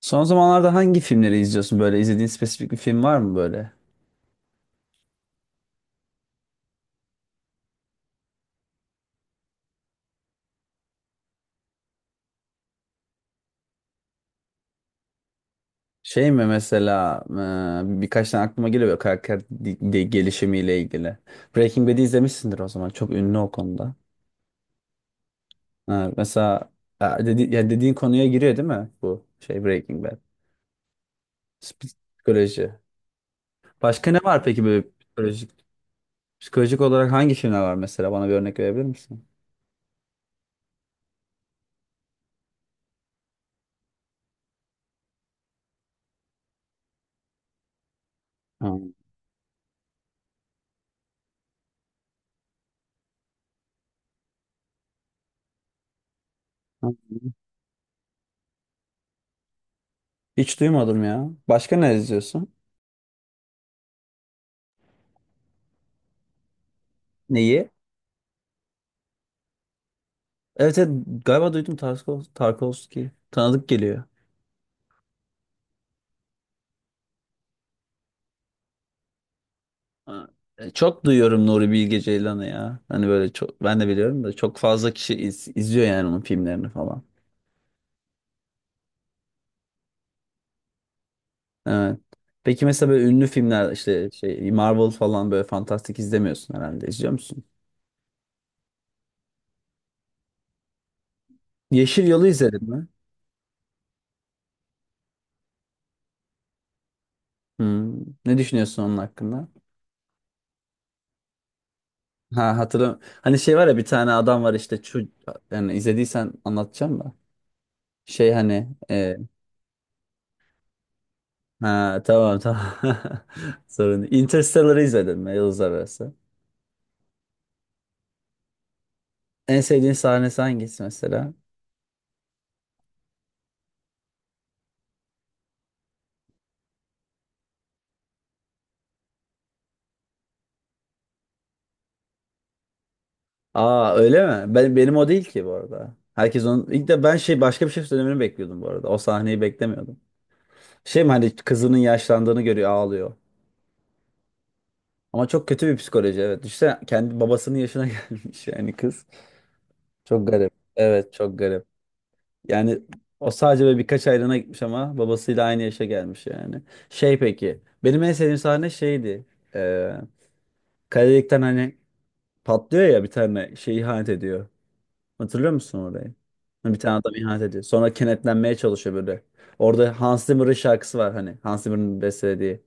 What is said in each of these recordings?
Son zamanlarda hangi filmleri izliyorsun böyle? İzlediğin spesifik bir film var mı böyle? Şey mi mesela birkaç tane aklıma geliyor böyle karakter gelişimiyle ilgili. Breaking Bad'i izlemişsindir o zaman. Çok ünlü o konuda. Ha, mesela ya dediğin konuya giriyor değil mi bu şey Breaking Bad? Psikoloji. Başka ne var peki böyle psikolojik olarak hangi filmler var mesela? Bana bir örnek verebilir misin? Ha, ha. Hiç duymadım ya. Başka ne izliyorsun? Neyi? Evet, evet, galiba duydum Tarkovski. Tanıdık geliyor. Ha, çok duyuyorum Nuri Bilge Ceylan'ı ya. Hani böyle çok ben de biliyorum da çok fazla kişi izliyor yani onun filmlerini falan. Evet. Peki mesela böyle ünlü filmler işte şey Marvel falan böyle fantastik izlemiyorsun herhalde. İzliyor musun? Yeşil Yol'u izledin mi? Hmm. Ne düşünüyorsun onun hakkında? Ha, hatırlam. Hani şey var ya bir tane adam var işte şu yani izlediysen anlatacağım da. Şey hani. Ha, tamam, tamam. Sorun değil. Interstellar'ı izledim mi, Yıldız Arası? En sevdiğin sahnesi hangisi mesela? Aa, öyle mi? Benim o değil ki bu arada. Herkes onun ilk de ben şey başka bir şey söylemeni bekliyordum bu arada. O sahneyi beklemiyordum. Şey mi hani kızının yaşlandığını görüyor, ağlıyor. Ama çok kötü bir psikoloji, evet. İşte kendi babasının yaşına gelmiş yani kız. Çok garip. Evet, çok garip. Yani o sadece böyle birkaç aylığına gitmiş ama babasıyla aynı yaşa gelmiş yani. Şey peki. Benim en sevdiğim sahne şeydi. Ee, kaledelikten hani patlıyor ya, bir tane şey ihanet ediyor. Hatırlıyor musun orayı? Bir tane adam ihanet ediyor. Sonra kenetlenmeye çalışıyor böyle. Orada Hans Zimmer'ın şarkısı var hani. Hans Zimmer'ın bestelediği.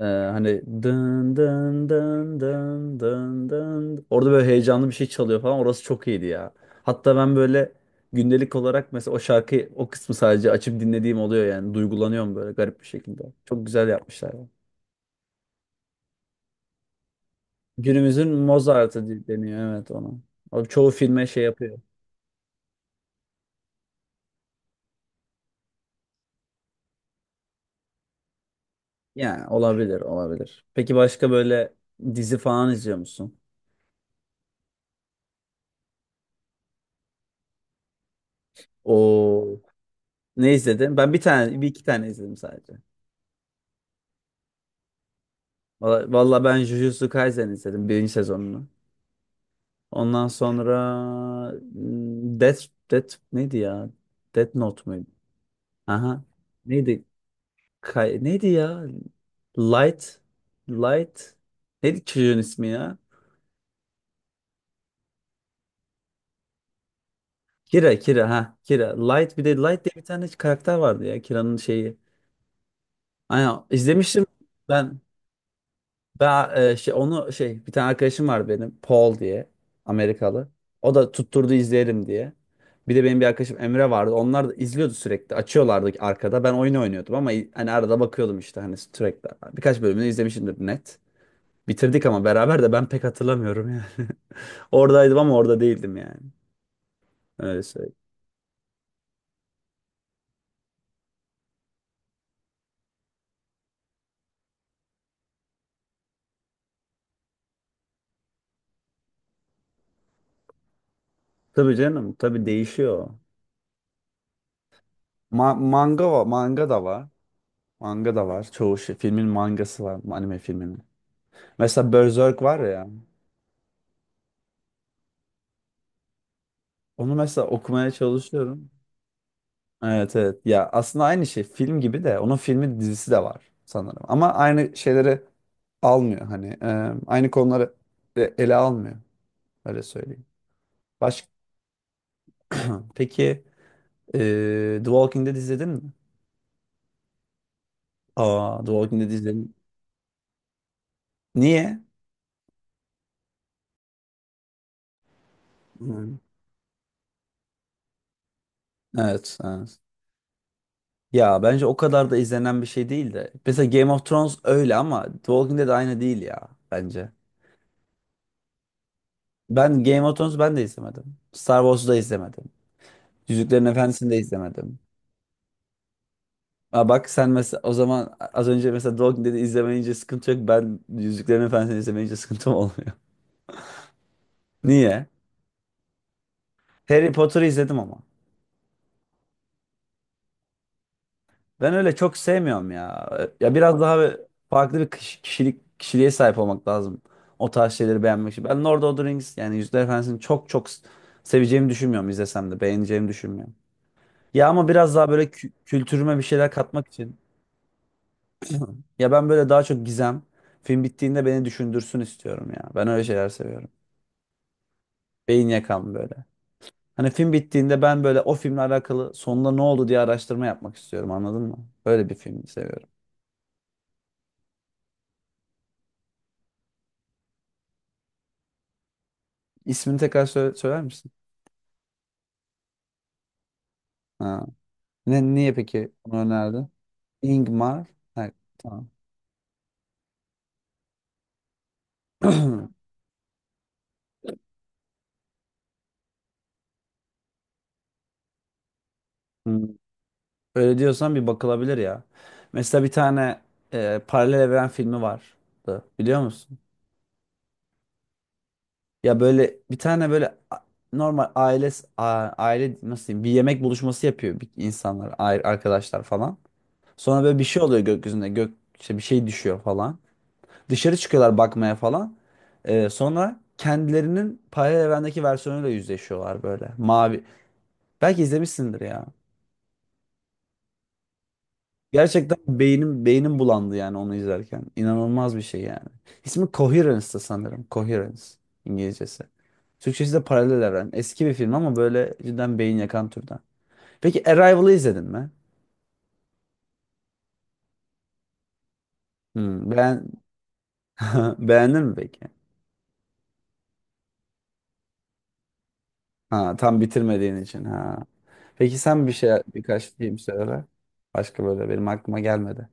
Hani dın dın dın dın dın dın. Orada böyle heyecanlı bir şey çalıyor falan. Orası çok iyiydi ya. Hatta ben böyle gündelik olarak mesela o şarkıyı, o kısmı sadece açıp dinlediğim oluyor yani. Duygulanıyorum böyle garip bir şekilde. Çok güzel yapmışlar, ya. Günümüzün Mozart'ı deniyor evet ona. O çoğu filme şey yapıyor. Yani olabilir, olabilir. Peki başka böyle dizi falan izliyor musun? O, ne izledin? Ben bir iki tane izledim sadece. Valla ben Jujutsu Kaisen izledim birinci sezonunu. Ondan sonra hmm, Death, Death neydi ya? Death Note muydu? Aha. Neydi? Neydi ya? Light. Light. Neydi çocuğun ismi ya? Kira, Kira, ha. Kira. Light, bir de Light diye bir tane karakter vardı ya. Kira'nın şeyi. Aynen, izlemiştim ben. Ben şey, onu şey, bir tane arkadaşım var benim, Paul diye, Amerikalı. O da tutturdu izleyelim diye. Bir de benim bir arkadaşım Emre vardı. Onlar da izliyordu sürekli. Açıyorlardı arkada. Ben oyun oynuyordum ama hani arada bakıyordum işte, hani sürekli. Birkaç bölümünü izlemişimdir net. Bitirdik ama beraber, de ben pek hatırlamıyorum yani. Oradaydım ama orada değildim yani. Öyle söyleyeyim. Tabii canım, tabii değişiyor. Manga var, manga da var. Manga da var. Çoğu şey. Filmin mangası var. Anime filminin. Mesela Berserk var ya. Onu mesela okumaya çalışıyorum. Evet, evet. Ya aslında aynı şey film gibi de, onun filmi dizisi de var sanırım. Ama aynı şeyleri almıyor hani, aynı konuları ele almıyor, öyle söyleyeyim. Baş peki, e, The Walking Dead izledin mi? Aa, The Walking Dead izledim. Niye? Hmm. Evet, evet. Ya bence o kadar da izlenen bir şey değil de. Mesela Game of Thrones öyle ama The Walking Dead aynı değil ya bence. Ben Game of Thrones, ben de izlemedim. Star Wars'u da izlemedim. Yüzüklerin Efendisi'ni de izlemedim. Aa, bak sen mesela, o zaman az önce mesela Dog dedi, izlemeyince sıkıntı yok. Ben Yüzüklerin Efendisi'ni izlemeyince sıkıntım olmuyor. Niye? Harry Potter'ı izledim ama. Ben öyle çok sevmiyorum ya. Ya biraz daha böyle farklı bir kiş- kişilik kişiliğe sahip olmak lazım. O tarz şeyleri beğenmek için. Ben Lord of the Rings, yani Yüzüklerin Efendisi'ni çok çok seveceğimi düşünmüyorum, izlesem de beğeneceğimi düşünmüyorum. Ya ama biraz daha böyle kültürüme bir şeyler katmak için. Ya ben böyle daha çok gizem. Film bittiğinde beni düşündürsün istiyorum ya. Ben öyle şeyler seviyorum. Beyin yakan böyle. Hani film bittiğinde ben böyle o filmle alakalı sonunda ne oldu diye araştırma yapmak istiyorum, anladın mı? Böyle bir film seviyorum. İsmini tekrar söyler misin? Ha. Niye peki onu önerdin? Ingmar. Ha, tamam. Hmm. Öyle diyorsan bir bakılabilir ya. Mesela bir tane paralel evren filmi vardı. Biliyor musun? Ya böyle bir tane böyle normal aile, nasıl diyeyim, bir yemek buluşması yapıyor, insanlar, arkadaşlar falan. Sonra böyle bir şey oluyor gökyüzünde, gök işte bir şey düşüyor falan. Dışarı çıkıyorlar bakmaya falan. Sonra kendilerinin paralel evrendeki versiyonuyla yüzleşiyorlar böyle. Mavi. Belki izlemişsindir ya. Gerçekten beynim bulandı yani onu izlerken. İnanılmaz bir şey yani. İsmi Coherence'da sanırım. Coherence, İngilizcesi. Türkçesi de Paralel Evren. Eski bir film ama böyle cidden beyin yakan türden. Peki Arrival'ı izledin mi? Hmm, beğen... Beğendin mi peki? Ha, tam bitirmediğin için. Ha. Peki sen bir şey, birkaç film söyle. Başka böyle benim aklıma gelmedi.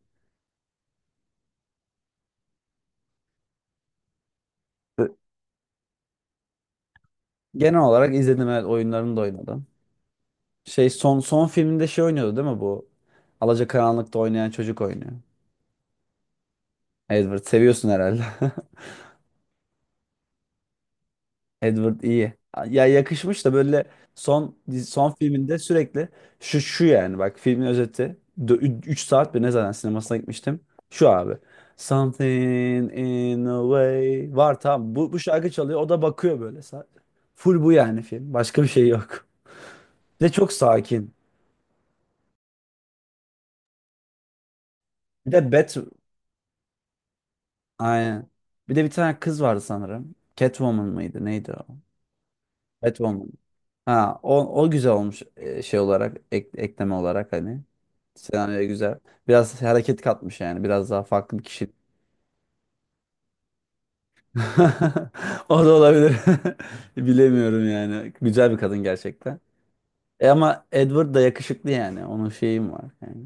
Genel olarak izledim, evet, oyunlarını da oynadım. Şey, son filminde şey oynuyordu değil mi bu? Alacakaranlık'ta oynayan çocuk oynuyor. Edward seviyorsun herhalde. Edward iyi. Ya yakışmış da böyle, son son filminde sürekli şu, yani bak filmin özeti 3 saat, bir ne zaten sinemasına gitmiştim. Şu abi. Something in a way. Var, tamam. Bu şarkı çalıyor. O da bakıyor böyle, sadece. Full bu yani film. Başka bir şey yok. Bir de çok sakin. Bir de Bat, aynen. Bir de bir tane kız vardı sanırım. Catwoman mıydı? Neydi o? Catwoman. Ha, o güzel olmuş, şey olarak, ekleme olarak hani. Senaryoya güzel. Biraz hareket katmış yani. Biraz daha farklı bir kişi. O da olabilir. Bilemiyorum yani. Güzel bir kadın gerçekten. Ama Edward da yakışıklı yani. Onun şeyim var yani.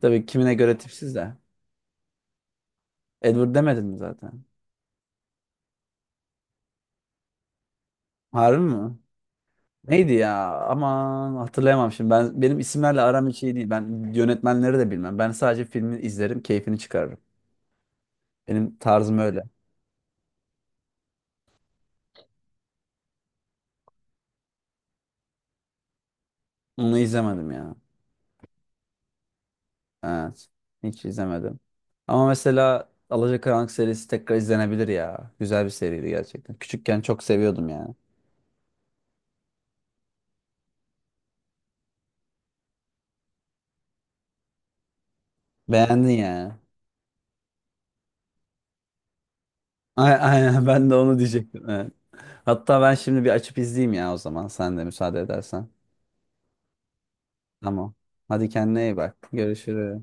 Tabii kimine göre tipsiz de. Edward demedin mi zaten? Harbi mi? Neydi ya? Aman, hatırlayamam şimdi. Benim isimlerle aram hiç iyi değil. Ben yönetmenleri de bilmem. Ben sadece filmi izlerim, keyfini çıkarırım. Benim tarzım öyle. Onu izlemedim ya. Evet. Hiç izlemedim. Ama mesela Alacakaranlık serisi tekrar izlenebilir ya. Güzel bir seriydi gerçekten. Küçükken çok seviyordum yani. Beğendin yani. Aynen ben de onu diyecektim. Evet. Hatta ben şimdi bir açıp izleyeyim ya, o zaman, sen de müsaade edersen. Tamam. Hadi, kendine iyi bak. Görüşürüz.